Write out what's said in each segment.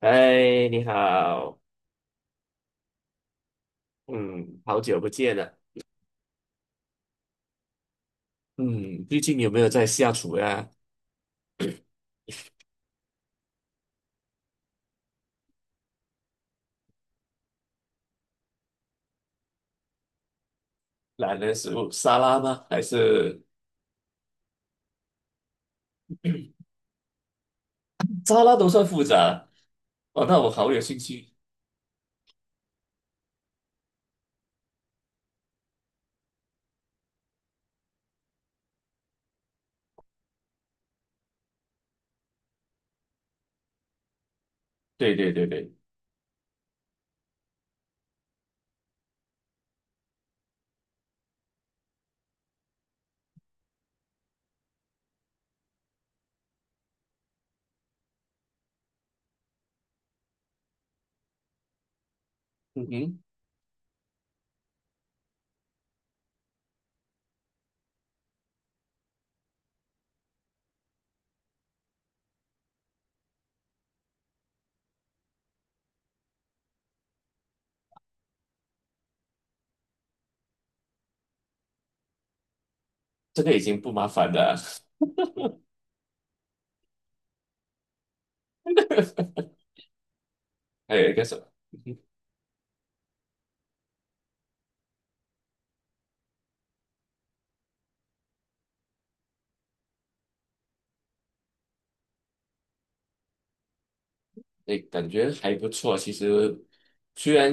哎，你好，嗯，好久不见了。嗯，最近有没有在下厨呀？懒人食物沙拉吗？还是沙拉都算复杂？哦，那我好有兴趣。对对对对。嗯哼。这个已经不麻烦了。还有一个什么？嗯哼。哎，感觉还不错。其实虽然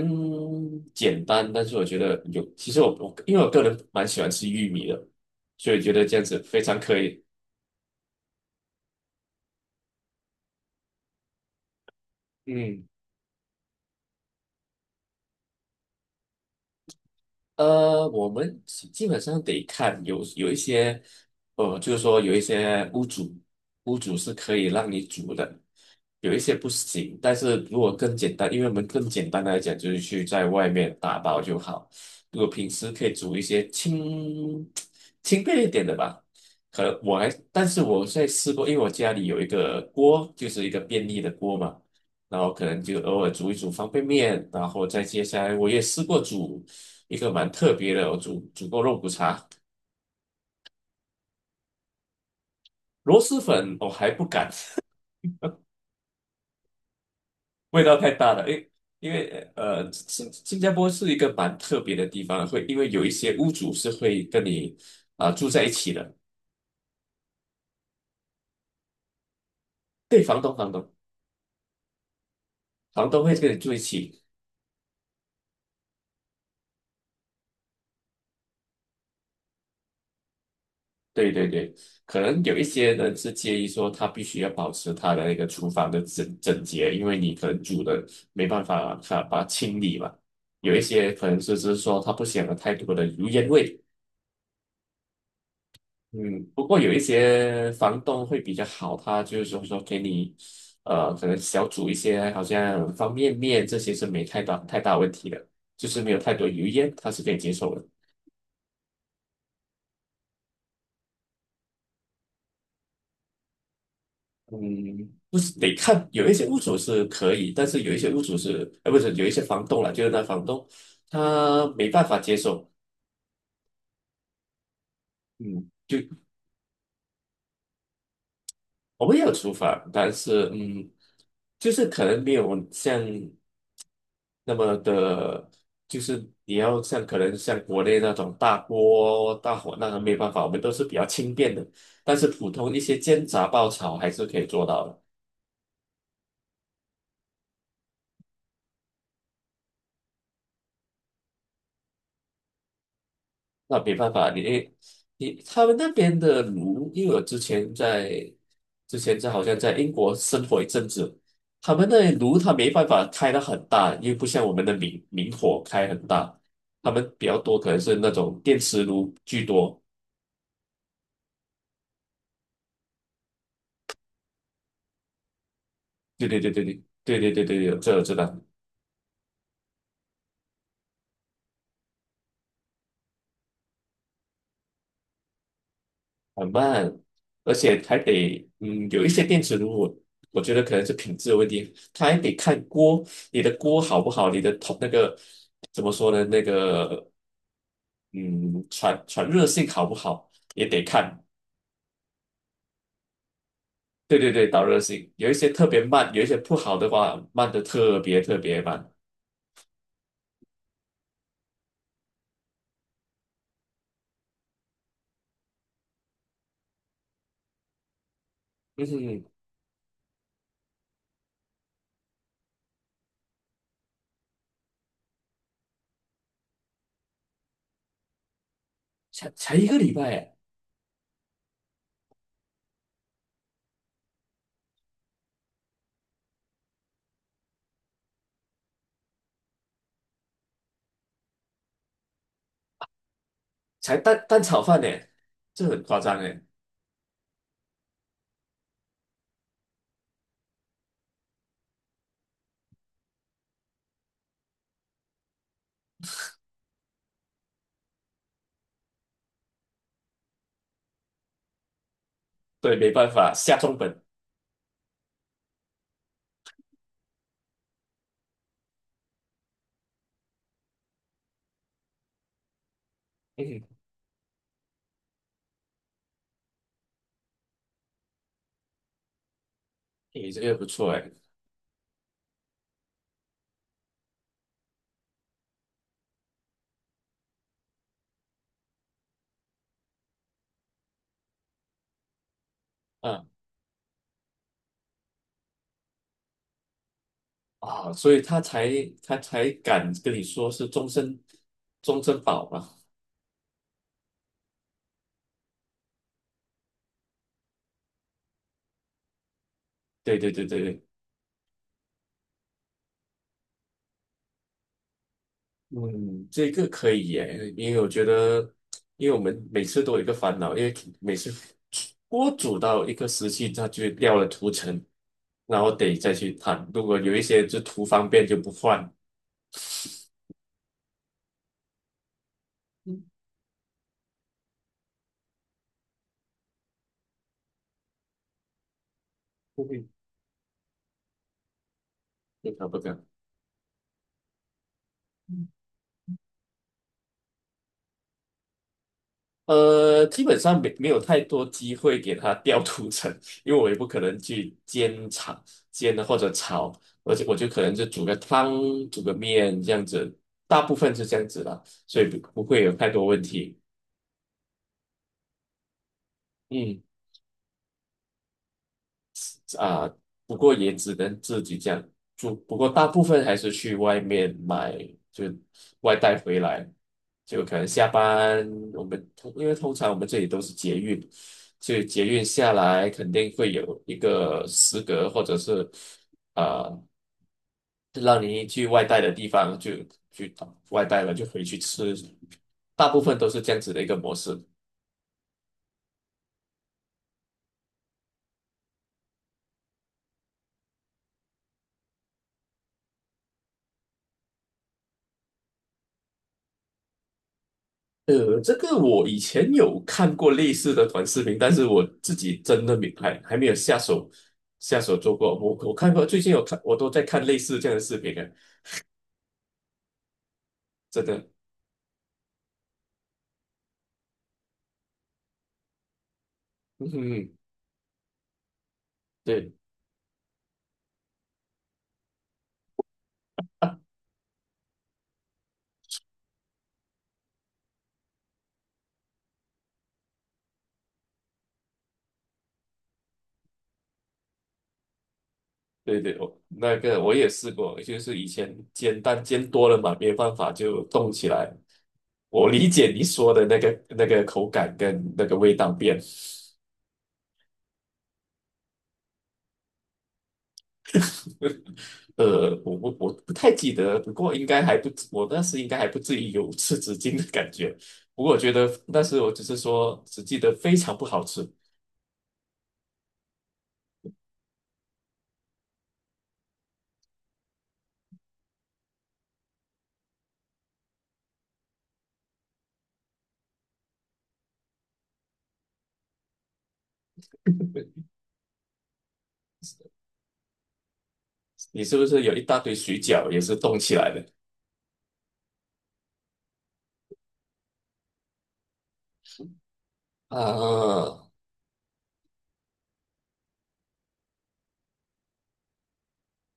简单，但是我觉得有。其实我因为我个人蛮喜欢吃玉米的，所以觉得这样子非常可以。嗯。呃，我们基本上得看有一些，呃，就是说有一些屋主，屋主是可以让你煮的，有一些不行。但是如果更简单，因为我们更简单来讲，就是去在外面打包就好。如果平时可以煮一些轻 轻便一点的吧，可能我还，但是我在试过，因为我家里有一个锅，就是一个便利的锅嘛。然后可能就偶尔煮一煮方便面，然后再接下来我也试过煮。一个蛮特别的哦，我煮过肉骨茶。螺蛳粉我还不敢。味道太大了。因为呃，新加坡是一个蛮特别的地方，会因为有一些屋主是会跟你啊、住在一起的。对，房东房东会跟你住一起。对对对，可能有一些人是介意说他必须要保持他的那个厨房的整洁，因为你可能煮的没办法把它清理嘛。有一些可能是说他不想有太多的油烟味。嗯，不过有一些房东会比较好，他就是说给你，呃，可能小煮一些，好像方便面这些是没太大问题的，就是没有太多油烟，他是可以接受的。嗯，不是得看，有一些屋主是可以，但是有一些屋主是，呃，不是有一些房东啦，就是那房东他没办法接受。嗯，就。我们也有厨房，但是就是可能没有像那么的，就是你要像可能像国内那种大锅大火那个没办法，我们都是比较轻便的，但是普通一些煎炸爆炒还是可以做到的。那没办法，你他们那边的炉，因为我之前在好像在英国生活一阵子，他们那里炉它没办法开得很大，因为不像我们的明明火开很大，他们比较多可能是那种电磁炉居多。对对对对对，对对对对对，这我知道。很慢，而且还得有一些电磁炉我。我觉得可能是品质的问题，它还得看锅，你的锅好不好，你的铜那个怎么说呢？那个嗯，传热性好不好也得看。对对对，导热性有一些特别慢，有一些不好的话慢的特别慢。嗯哼。才才一个礼拜哎。才蛋蛋炒饭呢，这很夸张哎。对，没办法，下重本。嗯哼。你这个不错哎。嗯。啊，所以他才他才敢跟你说是终身保嘛。对对对对对。嗯，这个可以耶。因为我觉得，因为我们每次都有一个烦恼，因为每次锅煮到一个时期，它就掉了涂层，然后得再去烫。如果有一些就图方便就不换。嗯，不会。不可不可。嗯。呃，基本上没有太多机会给它掉涂层，因为我也不可能去煎或者炒，而且我就可能就煮个汤、煮个面这样子，大部分是这样子啦，所以不会有太多问题。嗯。啊，不过也只能自己这样做。不过大部分还是去外面买，就外带回来。就可能下班，我们通因为通常我们这里都是捷运，所以捷运下来肯定会有一个食阁，或者是啊、呃让你去外带的地方就去外带了，就回去吃。大部分都是这样子的一个模式。呃，这个我以前有看过类似的短视频，但是我自己真的没还没有下手做过。我看过，最近有看，我都在看类似这样的视频啊。真的。嗯，对对对，我那个我也试过，就是以前煎蛋煎多了嘛，没办法就动起来。我理解你说的那个口感跟那个味道变。呃，我不太记得，不过应该还不至我当时应该还不至于有吃纸巾的感觉。不过我觉得但是我只是说，只记得非常不好吃。你是不是有一大堆水饺也是冻起来的？啊。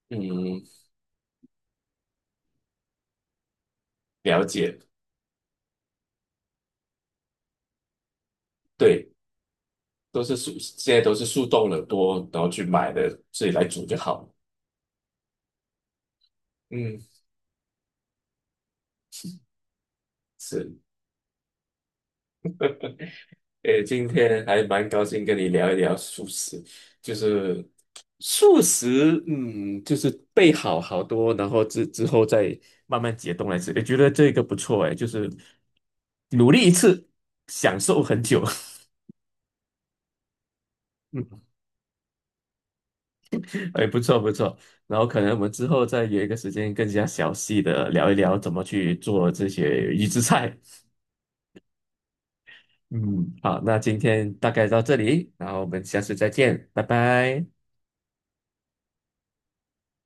嗯，了解。对，都是速，现在都是速冻了多，然后去买的，自己来煮就好了。嗯，是。诶，今天还蛮高兴跟你聊一聊素食，就是素食。嗯，就是备好好多，然后之后再慢慢解冻来吃，也觉得这个不错诶，就是努力一次，享受很久。嗯，哎，不错不错。然后可能我们之后再约一个时间，更加详细的聊一聊怎么去做这些预制菜。嗯，好，那今天大概到这里，然后我们下次再见，拜拜。